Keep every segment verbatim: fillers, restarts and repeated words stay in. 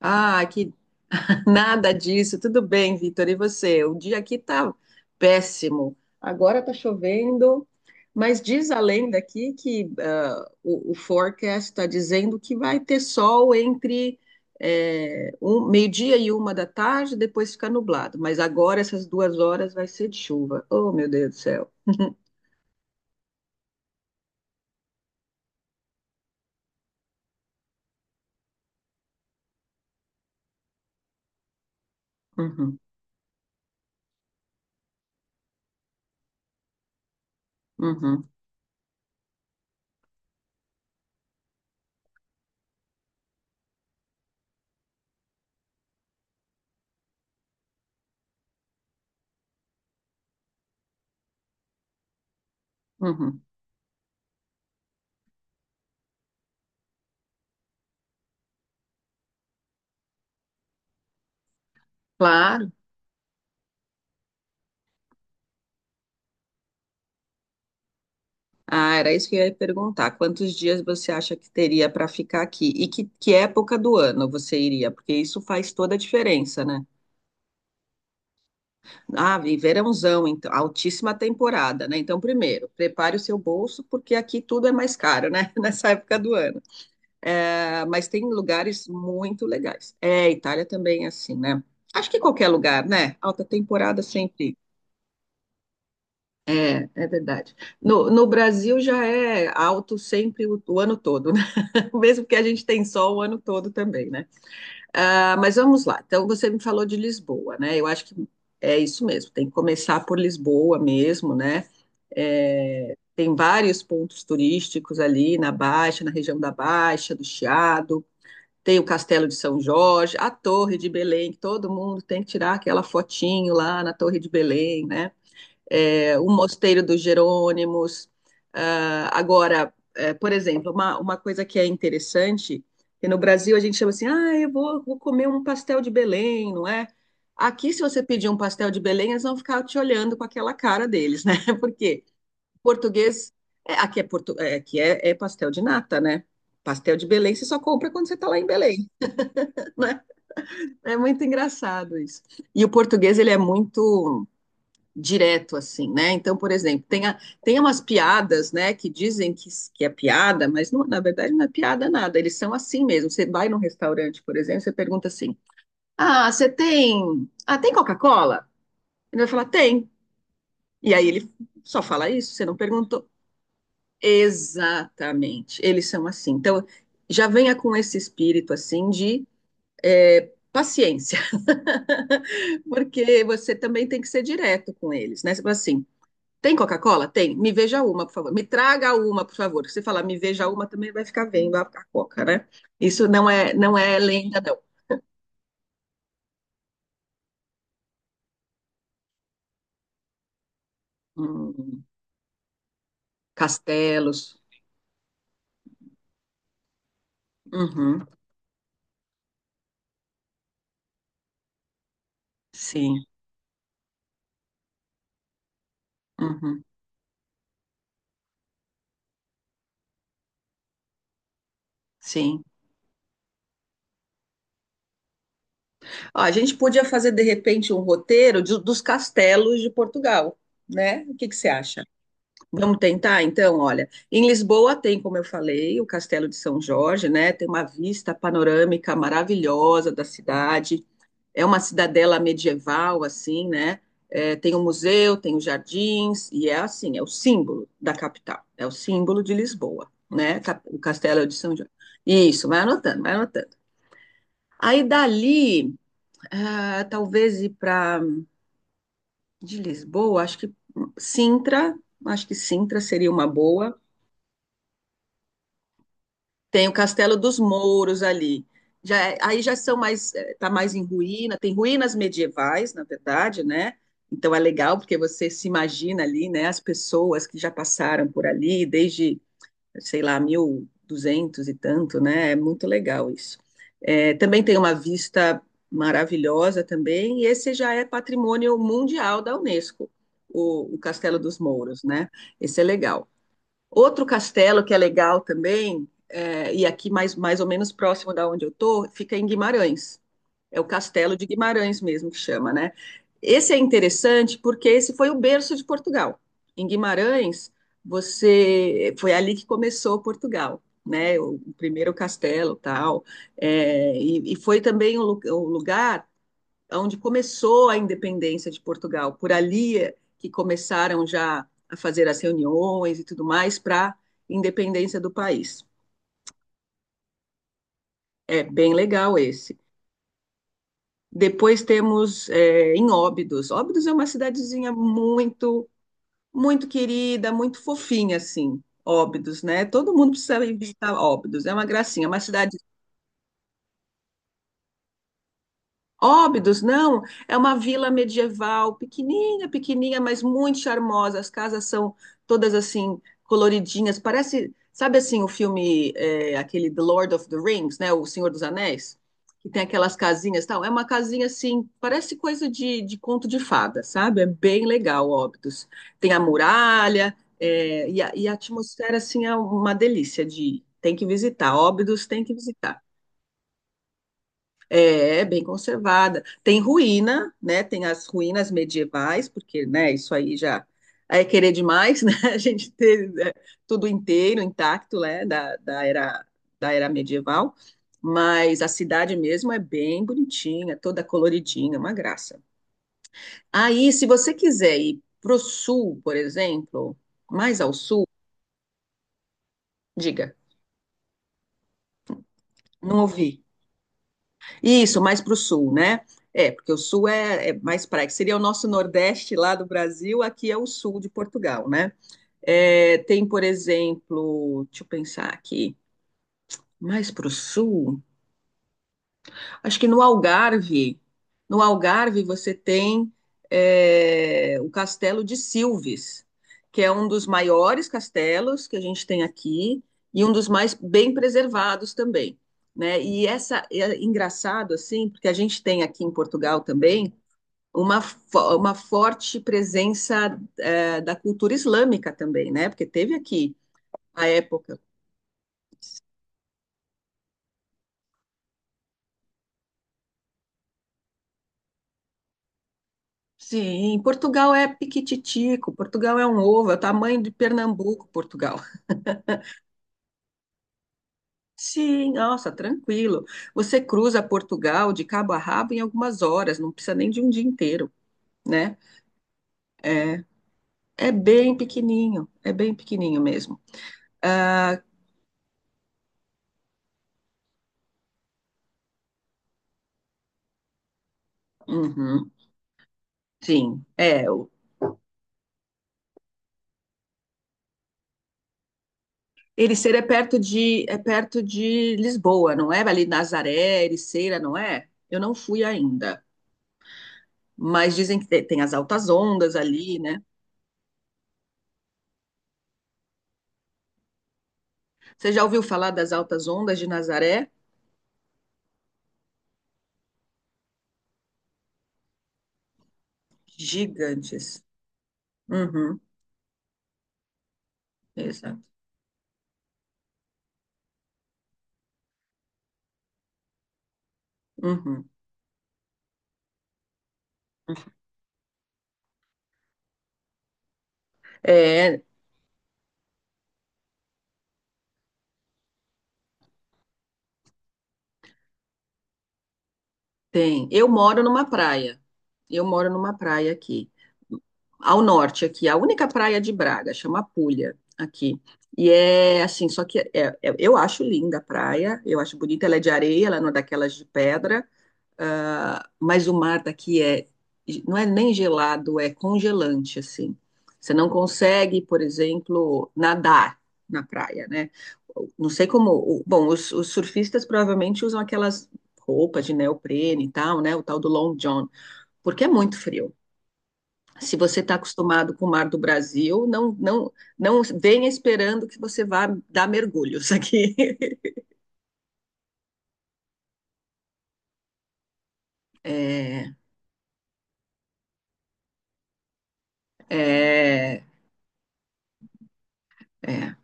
Ah, que nada disso. Tudo bem, Vitor. E você? O dia aqui tá péssimo. Agora tá chovendo, mas diz a lenda aqui que ah, o, o forecast está dizendo que vai ter sol entre eh, um- meio-dia e uma da tarde, depois fica nublado. Mas agora essas duas horas vai ser de chuva. Oh, meu Deus do céu. Uhum, uhum, uhum. Claro. Ah, era isso que eu ia perguntar. Quantos dias você acha que teria para ficar aqui? E que, que época do ano você iria? Porque isso faz toda a diferença, né? Ah, e verãozão, então, altíssima temporada, né? Então, primeiro, prepare o seu bolso, porque aqui tudo é mais caro, né? Nessa época do ano. Ah, mas tem lugares muito legais. É, Itália também é assim, né? Acho que qualquer lugar, né? Alta temporada sempre. É, é verdade. No, no Brasil já é alto sempre o o ano todo. Mesmo que a gente tem sol o ano todo também, né? Ah, mas vamos lá. Então, você me falou de Lisboa, né? Eu acho que é isso mesmo, tem que começar por Lisboa mesmo, né? É, tem vários pontos turísticos ali na Baixa, na região da Baixa, do Chiado. Tem o Castelo de São Jorge, a Torre de Belém, que todo mundo tem que tirar aquela fotinho lá na Torre de Belém, né? É, o Mosteiro dos Jerônimos. Ah, agora, é, por exemplo, uma, uma coisa que é interessante, que no Brasil a gente chama assim, ah, eu vou, vou comer um pastel de Belém, não é? Aqui, se você pedir um pastel de Belém, eles vão ficar te olhando com aquela cara deles, né? Porque português, é, aqui, é, portu, é, aqui é, é pastel de nata, né? Pastel de Belém você só compra quando você está lá em Belém. É muito engraçado isso. E o português, ele é muito direto assim, né? Então, por exemplo, tem, a, tem umas piadas, né, que dizem que, que é piada, mas não- na verdade não é piada nada, eles são assim mesmo. Você vai num restaurante, por exemplo, você pergunta assim: "Ah, você tem, ah, tem Coca-Cola?" Ele vai falar: "Tem". E aí ele só fala isso, você não perguntou. Exatamente. Eles são assim. Então, já venha com esse espírito assim de é, paciência, porque você também tem que ser direto com eles, né? Você fala assim, tem Coca-Cola? Tem. Me veja uma, por favor. Me traga uma, por favor. Se falar me veja uma, também vai ficar vendo a, a Coca, né? Isso não é, não é lenda, não. Hum, castelos. Uhum, sim. Uhum, sim. Ó, a gente podia fazer, de repente, um roteiro de- dos castelos de Portugal, né? O que que você acha? Vamos tentar, então, olha. Em Lisboa tem, como eu falei, o Castelo de São Jorge, né? Tem uma vista panorâmica maravilhosa da cidade. É uma cidadela medieval, assim, né? É, tem um museu, tem os jardins, e é assim, é o símbolo da capital, é o símbolo de Lisboa, né? Cap- O Castelo de São João. Isso, vai anotando, vai anotando. Aí dali, ah, talvez ir para de Lisboa, acho que Sintra, acho que Sintra seria uma boa. Tem o Castelo dos Mouros ali. Já, é- aí já são mais, está mais em ruína, tem ruínas medievais, na verdade, né? Então é legal porque você se imagina ali, né, as pessoas que já passaram por ali desde, sei lá, mil e duzentos e duzentos e tanto, né? É muito legal isso. Eh, também tem uma vista maravilhosa também, e esse já é patrimônio mundial da Unesco, o, o Castelo dos Mouros, né? Esse é legal. Outro castelo que é legal também, é, e aqui mais, mais ou menos próximo da onde eu tô, fica em Guimarães. É o Castelo de Guimarães mesmo que chama, né? Esse é interessante porque esse foi o berço de Portugal. Em Guimarães, você foi ali que começou Portugal, né? O primeiro castelo, tal, é, e, e foi também o, lu- o lugar onde começou a independência de Portugal. Por ali é que começaram já a fazer as reuniões e tudo mais para a independência do país. É bem legal esse. Depois temos é, em Óbidos. Óbidos é uma cidadezinha muito, muito querida, muito fofinha, assim. Óbidos, né? Todo mundo precisa ir visitar Óbidos. É uma gracinha, é uma cidade. Óbidos, não, é uma vila medieval, pequenininha, pequenininha, mas muito charmosa. As casas são todas assim coloridinhas. Parece, sabe assim, o filme é, aquele The Lord of the Rings, né, O Senhor dos Anéis, que tem aquelas casinhas, e tal. É uma casinha assim, parece coisa de, de conto de fada, sabe? É bem legal, Óbidos. Tem a muralha, é, e, a, e a atmosfera assim é uma delícia de ir. Tem que visitar, Óbidos tem que visitar. É, bem conservada. Tem ruína, né? Tem as ruínas medievais, porque, né, isso aí já é querer demais, né? A gente ter né, tudo inteiro, intacto, né, da, da era, da era medieval. Mas a cidade mesmo é bem bonitinha, toda coloridinha, uma graça. Aí, se você quiser ir pro sul, por exemplo, mais ao sul, diga, não ouvi. Isso, mais para o sul, né? É, porque o sul é, é mais praia, que seria o nosso nordeste lá do Brasil, aqui é o sul de Portugal, né? É, tem, por exemplo, deixa eu pensar aqui, mais para o sul, acho que no Algarve, no Algarve você tem é, o Castelo de Silves, que é um dos maiores castelos que a gente tem aqui e um dos mais bem preservados também, né? E essa é engraçado assim, porque a gente tem aqui em Portugal também uma, fo- uma forte presença é, da cultura islâmica também, né? Porque teve aqui a época. Sim, Portugal é piquititico, Portugal é um ovo, é o tamanho de Pernambuco, Portugal. Sim, nossa, tranquilo. Você cruza Portugal de cabo a rabo em algumas horas, não precisa nem de um dia inteiro, né? É, é bem pequenininho, é bem pequenininho mesmo. Ah, uhum, sim, é. o- Ericeira é perto de, é perto de Lisboa, não é? Ali Nazaré, Ericeira, não é? Eu não fui ainda, mas dizem que te- tem as altas ondas ali, né? Você já ouviu falar das altas ondas de Nazaré? Gigantes. Uhum, exato. Uhum. É, tem. Eu moro numa praia. Eu moro numa praia aqui, ao norte aqui, a única praia de Braga, chama Pulha aqui. E é assim, só que é- é- eu acho linda a praia, eu acho bonita, ela é de areia, ela não é daquelas de pedra. Ah, mas o mar daqui é, não é nem gelado, é congelante, assim. Você não consegue, por exemplo, nadar na praia, né? Não sei como. o- Bom, os, os surfistas provavelmente usam aquelas roupas de neoprene e tal, né? O tal do long john, porque é muito frio. Se você está acostumado com o mar do Brasil, não, não, não venha esperando que você vá dar mergulhos aqui. É, é, é.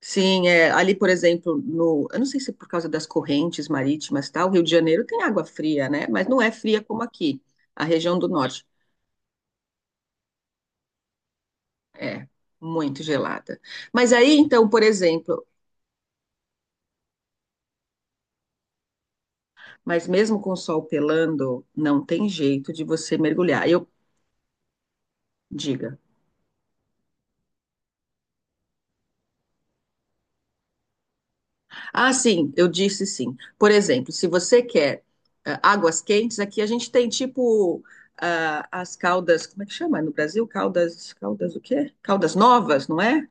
Sim, é, ali, por exemplo, no, eu não sei se é por causa das correntes marítimas e tal, o Rio de Janeiro tem água fria, né? Mas não é fria como aqui, a região do norte. É, muito gelada. Mas aí, então, por exemplo, mas mesmo com o sol pelando, não tem jeito de você mergulhar. Eu, diga. Ah, sim, eu disse sim. Por exemplo, se você quer ah, águas quentes, aqui a gente tem tipo ah, as caldas, como é que chama no Brasil? Caldas, caldas o quê? Caldas Novas, não é?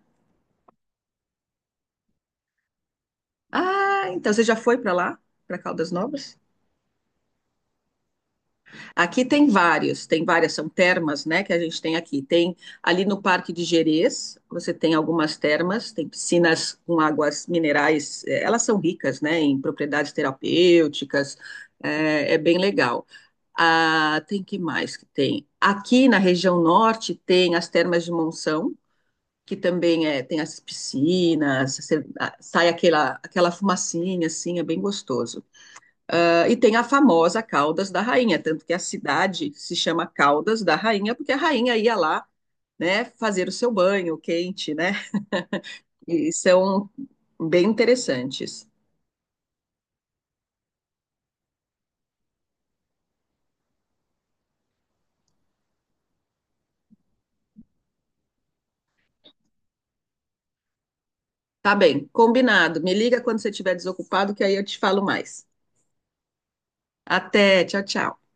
Ah, então você já foi para lá, para Caldas Novas? Aqui tem vários, tem várias, são termas, né, que a gente tem aqui. Tem ali no Parque de Gerês, você tem algumas termas, tem piscinas com águas minerais, eh, elas são ricas, né, em propriedades terapêuticas, eh, é, bem legal. Ah, tem que mais que tem? Aqui na região norte tem as termas de Monção, que também é, tem as piscinas, você- ah, sai aquela, aquela fumacinha, assim, é bem gostoso. Ah, e tem a famosa Caldas da Rainha, tanto que a cidade se chama Caldas da Rainha, porque a rainha ia lá, né, fazer o seu banho quente, né? E são bem interessantes. Tá bem, combinado. Me liga quando você estiver desocupado, que aí eu te falo mais. Até, tchau, tchau.